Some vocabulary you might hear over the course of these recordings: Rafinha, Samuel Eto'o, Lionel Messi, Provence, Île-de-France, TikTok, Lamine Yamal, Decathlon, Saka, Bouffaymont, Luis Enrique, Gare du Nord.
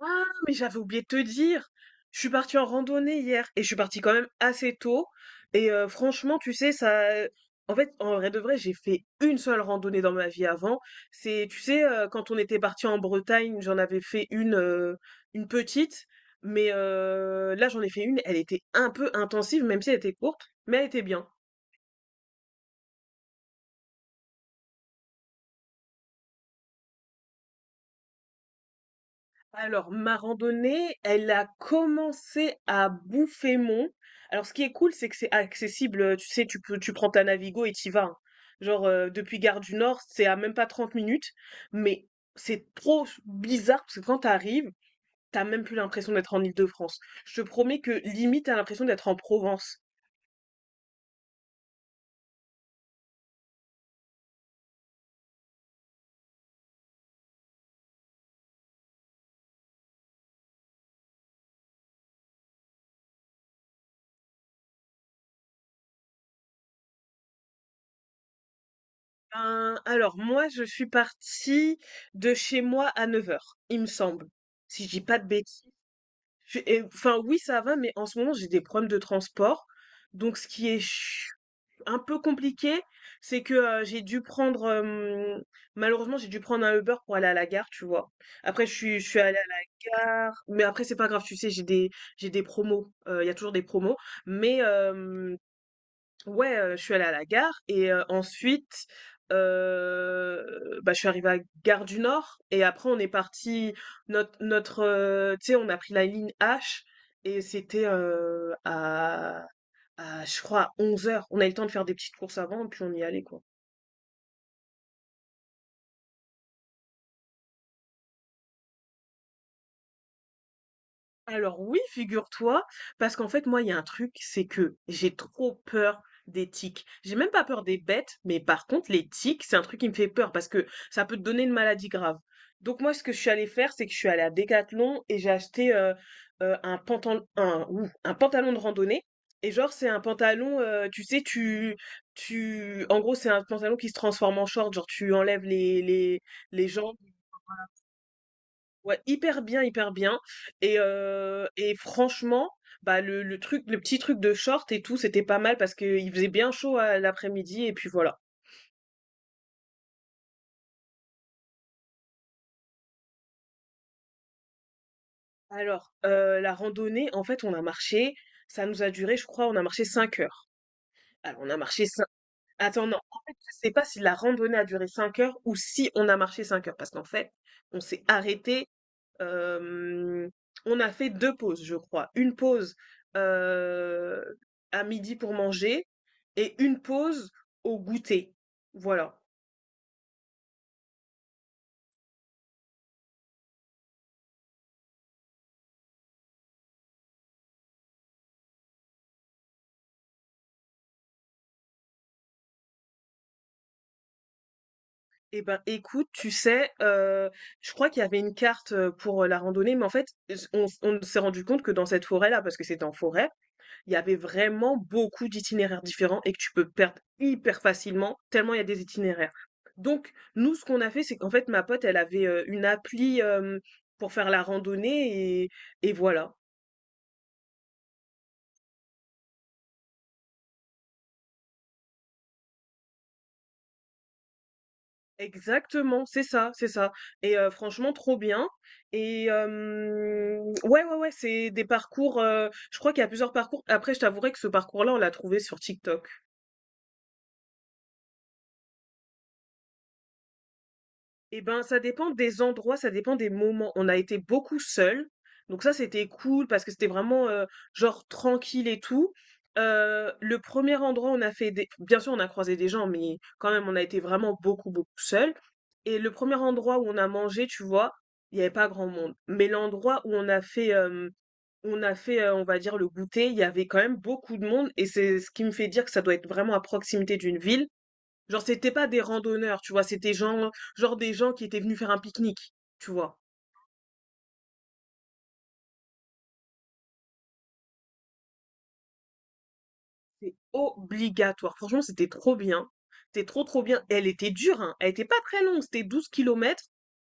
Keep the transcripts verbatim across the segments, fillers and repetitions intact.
Ah, mais j'avais oublié de te dire. Je suis partie en randonnée hier et je suis partie quand même assez tôt. Et euh, franchement, tu sais, ça. En fait, en vrai de vrai, j'ai fait une seule randonnée dans ma vie avant. C'est, tu sais, euh, quand on était parti en Bretagne, j'en avais fait une, euh, une petite. Mais euh, là, j'en ai fait une. Elle était un peu intensive, même si elle était courte, mais elle était bien. Alors, ma randonnée, elle a commencé à Bouffaymont. Alors, ce qui est cool, c'est que c'est accessible. euh, Tu sais, tu peux, tu prends ta Navigo et t'y vas, hein. Genre, euh, depuis Gare du Nord, c'est à même pas trente minutes. Mais c'est trop bizarre parce que quand t'arrives, t'as même plus l'impression d'être en Île-de-France. Je te promets que limite, t'as l'impression d'être en Provence. Ben, alors, moi, je suis partie de chez moi à neuf heures, il me semble. Si je dis pas de bêtises. J'ai et Enfin oui, ça va, mais en ce moment, j'ai des problèmes de transport. Donc ce qui est ch- un peu compliqué, c'est que euh, j'ai dû prendre euh, malheureusement, j'ai dû prendre un Uber pour aller à la gare, tu vois. Après je suis je suis allée à la gare, mais après c'est pas grave, tu sais, j'ai des j'ai des promos, euh, il y a toujours des promos, mais euh, ouais, heu, je suis allée à la gare et heu, ensuite, heu, bah, je suis arrivée à Gare du Nord et après on est parti notre notre, heu, tu sais, on a pris la ligne hache et c'était, heu, à à je crois à heures. On a eu le temps de faire des petites courses avant puis on y allait, quoi. Alors oui, figure-toi, parce qu'en fait, moi, il y a un truc, c'est que j'ai trop peur des tiques. J'ai même pas peur des bêtes, mais par contre, les tiques, c'est un truc qui me fait peur parce que ça peut te donner une maladie grave. Donc moi, ce que je suis allée faire, c'est que je suis allée à Decathlon et j'ai acheté euh, euh, un pantalon, un, ouh, un pantalon de randonnée. Et genre, c'est un pantalon, euh, tu sais, tu, tu, en gros, c'est un pantalon qui se transforme en short. Genre, tu enlèves les, les, les jambes. Ouais, hyper bien, hyper bien. Et, heu et franchement, bah, le le truc le petit truc de short et tout, c'était pas mal parce qu'il faisait bien chaud à l'après-midi et puis voilà. Alors, heu, la randonnée, en fait, on a marché, ça nous a duré, je crois, on a marché cinq heures. Alors on a marché cinq, attends, non, en fait, je sais pas si la randonnée a duré cinq heures ou si on a marché cinq heures parce qu'en fait, on s'est arrêté. Hem, on a fait deux pauses, je crois. Une pause, heu, à midi pour manger et une pause au goûter. Voilà. Et ben, écoute, tu sais, heu, je crois qu'il y avait une carte, heu, pour la randonnée, mais en fait, on on s'est rendu compte que dans cette forêt-là, parce que c'était en forêt, il y avait vraiment beaucoup d'itinéraires différents et que tu peux perdre hyper facilement, tellement il y a des itinéraires. Donc, nous, ce qu'on a fait, c'est qu'en fait, ma pote, elle avait euh, une appli euh, pour faire la randonnée et, et voilà. Exactement, c'est ça, c'est ça. Et euh, franchement, trop bien. Et euh, ouais, ouais, ouais, c'est des parcours. Euh, je crois qu'il y a plusieurs parcours. Après, je t'avouerai que ce parcours-là, on l'a trouvé sur TikTok. Eh ben, ça dépend des endroits, ça dépend des moments. On a été beaucoup seuls, donc ça, c'était cool parce que c'était vraiment, heu, genre tranquille et tout. Heu, le premier er endroit, on a fait des bien sûr, on a croisé des gens, mais quand même, on a été vraiment beaucoup, beaucoup seuls, et le premier endroit où on a mangé, tu vois, il y avait pas grand monde. Mais l'endroit où on a fait, hem, où on a fait, heu, on va dire le goûter, il y avait quand même beaucoup de monde et c'est ce qui me fait dire que ça doit être vraiment à proximité d'une ville. Genre, c'était pas des randonneurs, tu vois, c'était gens, genre des gens qui étaient venus faire un pique-nique, tu vois. C'est obligatoire. Franchement, c'était trop bien. C'était trop, trop bien. Elle était dure, hein. Elle était pas très longue, c'était douze kilomètres.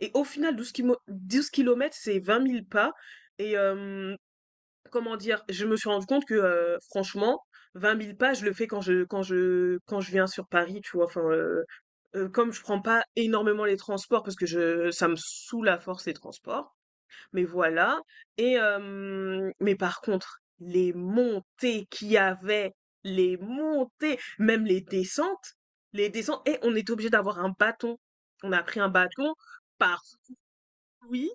Et au final, douze kilo- douze kilomètres, c'est vingt mille pas. Et euh, comment dire, je me suis rendu compte que, euh, franchement, vingt mille pas, je le fais quand je, quand je, quand je viens sur Paris, tu vois. Enfin, euh, euh, comme je prends pas énormément les transports parce que je, ça me saoule à force les transports. Mais voilà. Et hem, mais par contre, les montées qu'il y avait, les montées, même les descentes, les descentes, et on est obligé d'avoir un bâton. On a pris un bâton par oui,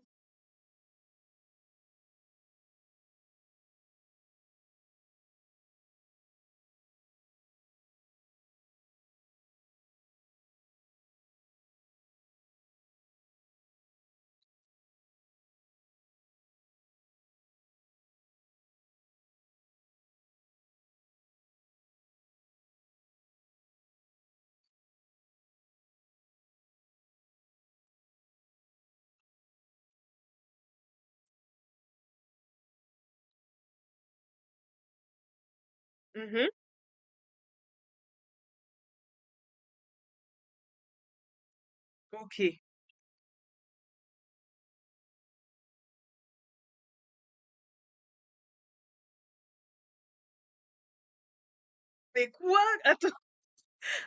mmh, OK. Mais quoi? Attends,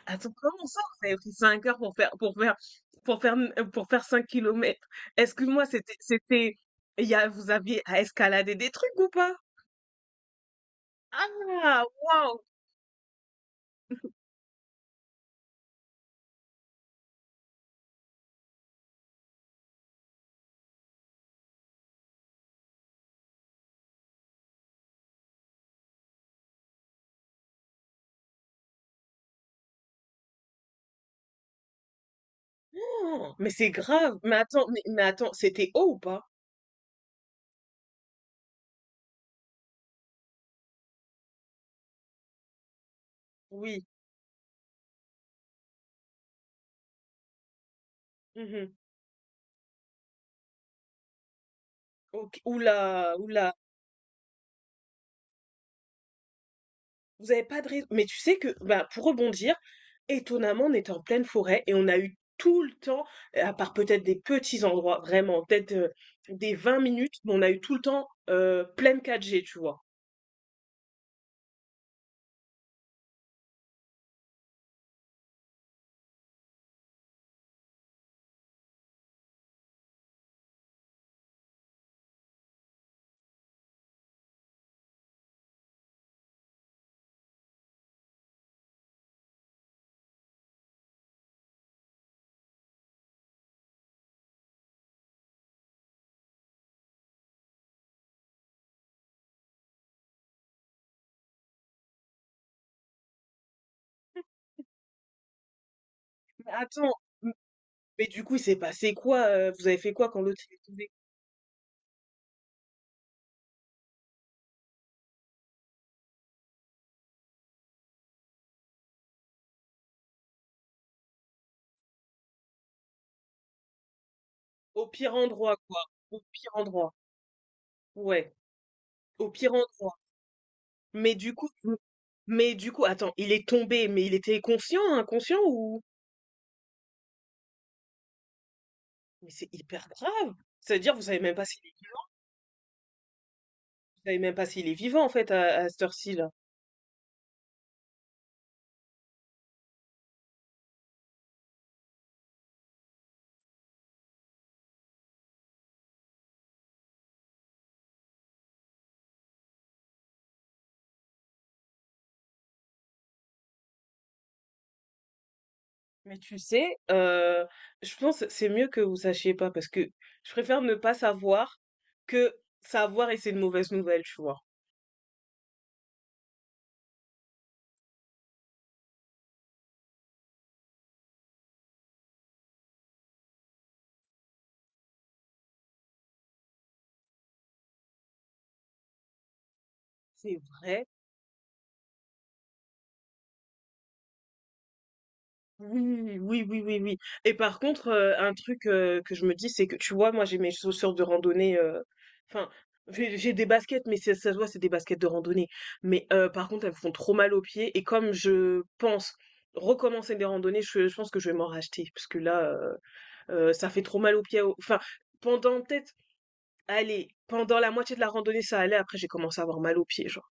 attends, comment ça vous avez pris cinq heures pour faire pour faire pour faire, mmh, pour faire cinq kilomètres. Excuse-moi, c'était c'était, il y a vous aviez à escalader des trucs ou pas? Ah! Waouh! Oh, mais c'est grave. Mais attends, mais, mais attends, c'était haut ou pas? Oui. Mhm. Ok. Oula, oula. Vous avez pas de raison. Mais tu sais que, bah, pour rebondir, étonnamment, on était en pleine forêt et on a eu tout le temps, euh, à part peut-être des petits endroits, vraiment, peut-être euh, des vingt minutes, mais on a eu tout le temps euh, pleine quatre g, tu vois. Mais attends, m- mais du coup, il s'est passé quoi? Euh, vous avez fait quoi quand l'autre s'est retrouvé au pire endroit, quoi. Au pire endroit. Ouais, au pire endroit. Mais du coup, Mais du coup, attends, il est tombé, mais il était conscient, inconscient ou? Mais c'est hyper grave. C'est-à-dire, vous savez même pas s'il est, vous savez même pas s'il est vivant en fait à, à cette heure-ci-là. Mais tu sais, euh, je pense que c'est mieux que vous sachiez pas parce que je préfère ne pas savoir que savoir et c'est une mauvaise nouvelle, tu vois. C'est vrai. Oui, oui, oui, oui, oui. Et par contre, euh, un truc euh, que je me dis, c'est que tu vois, moi j'ai mes chaussures de randonnée. euh, Enfin, j'ai j'ai des baskets, mais c'est- ça se voit, c'est des baskets de randonnée. Mais euh, par contre, elles me font trop mal aux pieds. Et comme je pense recommencer des randonnées, je, je pense que je vais m'en racheter. Parce que là, euh, euh, ça fait trop mal aux pieds. au- Enfin, pendant peut-être, allez, pendant la moitié de la randonnée, ça allait. Après, j'ai commencé à avoir mal aux pieds, genre.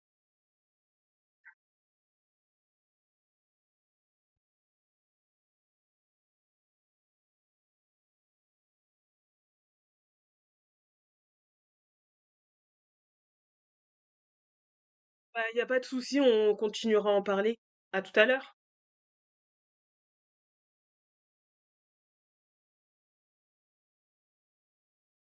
Bah, y a pas de souci, on continuera à en parler. À tout à l'heure.